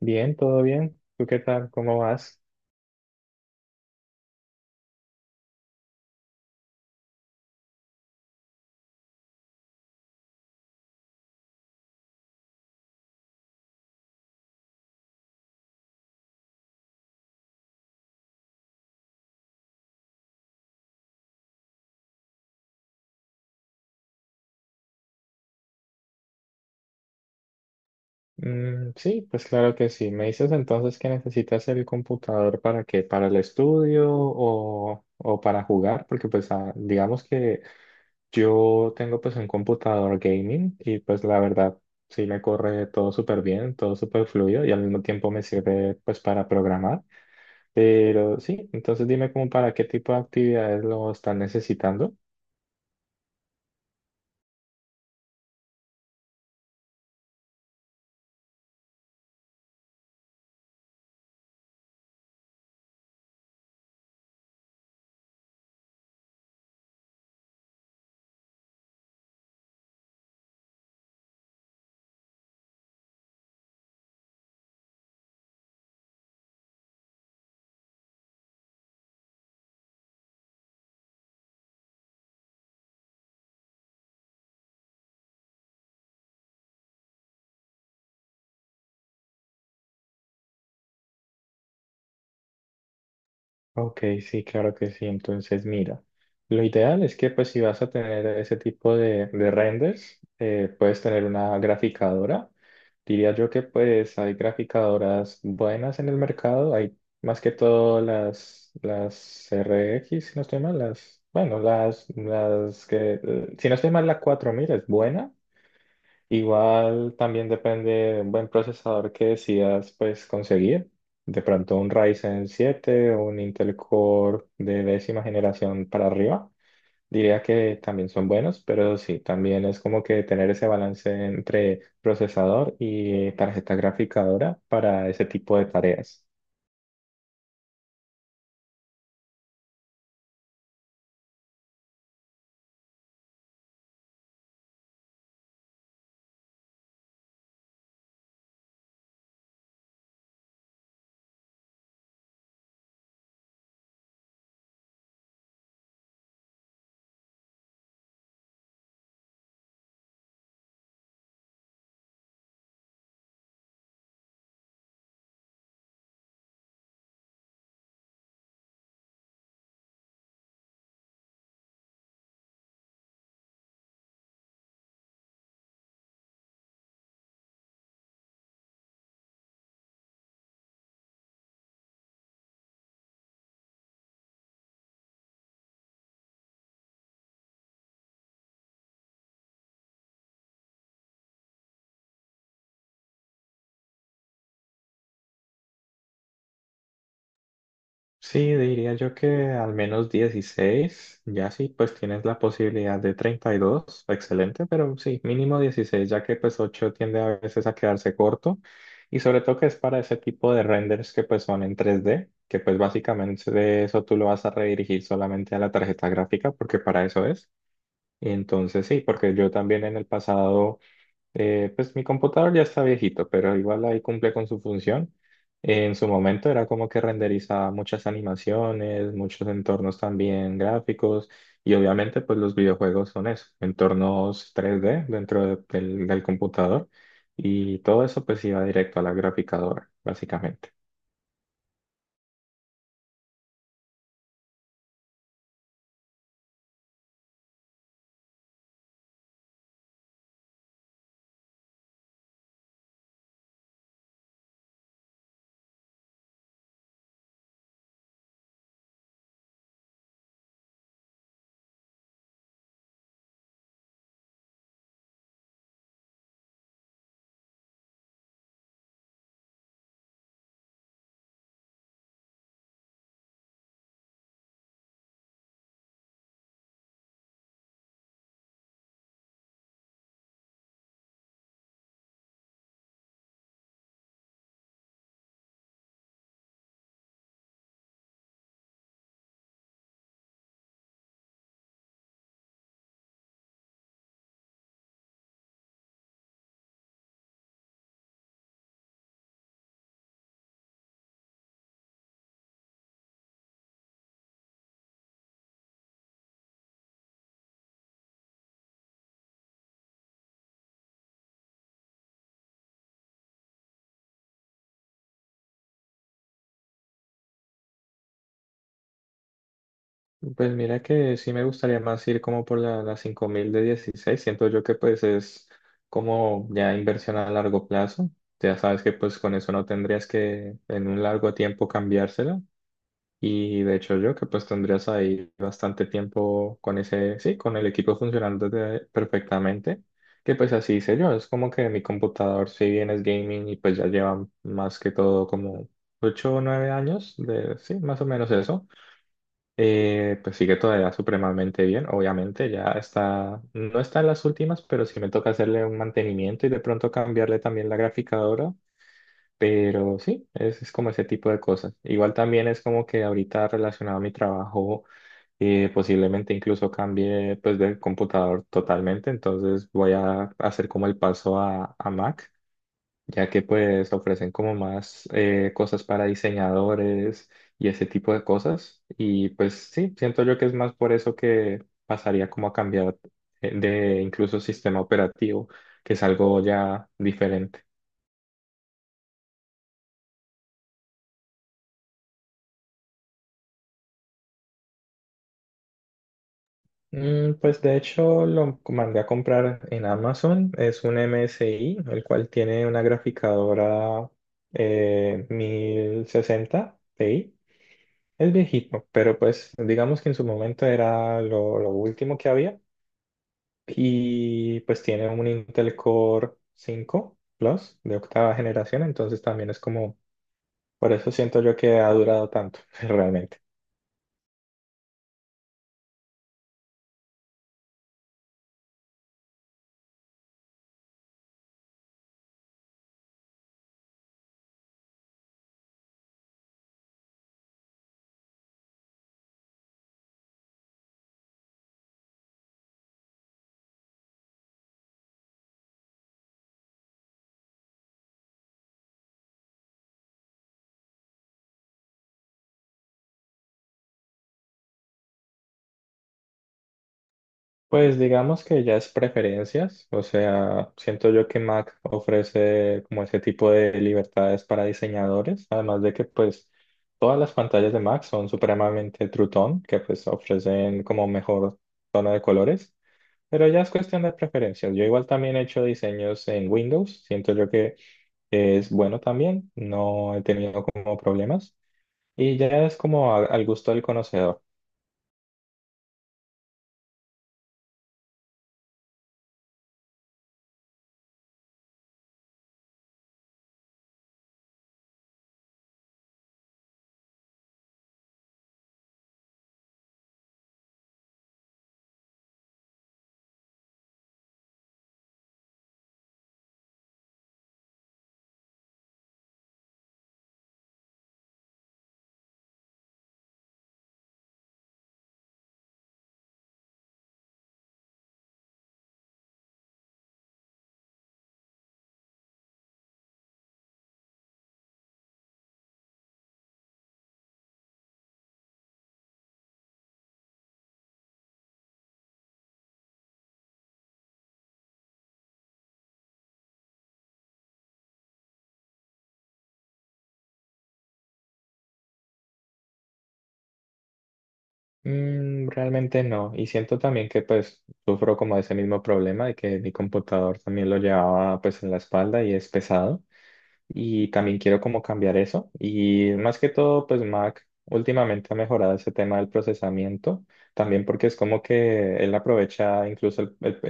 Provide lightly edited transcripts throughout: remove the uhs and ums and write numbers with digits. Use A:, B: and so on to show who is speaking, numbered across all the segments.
A: Bien, todo bien. ¿Tú qué tal? ¿Cómo vas? Mm, sí, pues claro que sí. ¿Me dices entonces que necesitas el computador para qué? ¿Para el estudio o para jugar? Porque pues digamos que yo tengo pues un computador gaming y pues la verdad sí me corre todo súper bien, todo súper fluido y al mismo tiempo me sirve pues para programar. Pero sí, entonces dime como para qué tipo de actividades lo están necesitando. Ok, sí, claro que sí. Entonces, mira, lo ideal es que pues si vas a tener ese tipo de renders, puedes tener una graficadora. Diría yo que pues hay graficadoras buenas en el mercado. Hay más que todo las RX, si no estoy mal, las, bueno, las que, si no estoy mal, la 4000 es buena. Igual también depende de un buen procesador que decidas pues conseguir. De pronto un Ryzen 7 o un Intel Core de décima generación para arriba. Diría que también son buenos, pero sí, también es como que tener ese balance entre procesador y tarjeta graficadora para ese tipo de tareas. Sí, diría yo que al menos 16. Ya sí, pues tienes la posibilidad de 32, excelente, pero sí, mínimo 16, ya que pues 8 tiende a veces a quedarse corto y sobre todo que es para ese tipo de renders que pues son en 3D, que pues básicamente de eso tú lo vas a redirigir solamente a la tarjeta gráfica porque para eso es. Y entonces sí, porque yo también en el pasado... pues mi computador ya está viejito, pero igual ahí cumple con su función. En su momento era como que renderizaba muchas animaciones, muchos entornos también gráficos, y obviamente pues los videojuegos son eso, entornos 3D dentro del computador, y todo eso pues iba directo a la graficadora, básicamente. Pues mira que sí me gustaría más ir como por la 5000 de 16. Siento yo que pues es como ya inversión a largo plazo. Ya sabes que pues con eso no tendrías que en un largo tiempo cambiársela. Y de hecho yo que pues tendrías ahí bastante tiempo con ese, sí, con el equipo perfectamente. Que pues así hice yo. Es como que mi computador si bien es gaming y pues ya lleva más que todo como 8 o 9 años de, sí, más o menos eso. Pues sigue todavía supremamente bien, obviamente, ya está, no está en las últimas, pero sí me toca hacerle un mantenimiento y de pronto cambiarle también la graficadora, pero sí, es como ese tipo de cosas. Igual también es como que ahorita relacionado a mi trabajo, posiblemente incluso cambie pues del computador totalmente, entonces voy a hacer como el paso a Mac, ya que pues ofrecen como más cosas para diseñadores y ese tipo de cosas. Y pues sí, siento yo que es más por eso que pasaría como a cambiar de incluso sistema operativo, que es algo ya diferente. Mm, pues de hecho lo mandé a comprar en Amazon, es un MSI, el cual tiene una graficadora 1060 Ti. Es viejito, pero pues digamos que en su momento era lo último que había, y pues tiene un Intel Core 5 Plus de octava generación, entonces también es como, por eso siento yo que ha durado tanto realmente. Pues digamos que ya es preferencias, o sea, siento yo que Mac ofrece como ese tipo de libertades para diseñadores, además de que pues todas las pantallas de Mac son supremamente True Tone, que pues ofrecen como mejor tono de colores. Pero ya es cuestión de preferencias. Yo igual también he hecho diseños en Windows. Siento yo que es bueno también. No he tenido como problemas. Y ya es como al gusto del conocedor. Mm, realmente no. Y siento también que pues sufro como ese mismo problema de que mi computador también lo llevaba pues en la espalda y es pesado. Y también quiero como cambiar eso. Y más que todo, pues Mac últimamente ha mejorado ese tema del procesamiento, también porque es como que él aprovecha incluso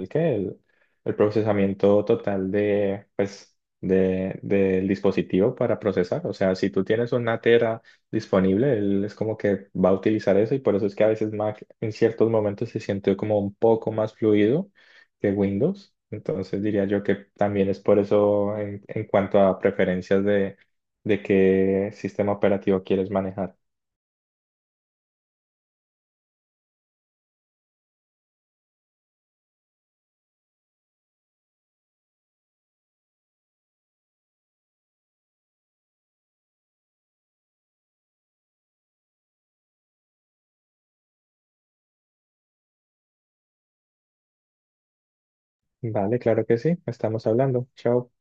A: el- ¿qué? El, el procesamiento total de, pues, del dispositivo para procesar. O sea, si tú tienes una tera disponible, él es como que va a utilizar eso, y por eso es que a veces Mac en ciertos momentos se siente como un poco más fluido que Windows. Entonces diría yo que también es por eso en cuanto a preferencias de qué sistema operativo quieres manejar. Vale, claro que sí. Estamos hablando. Chao.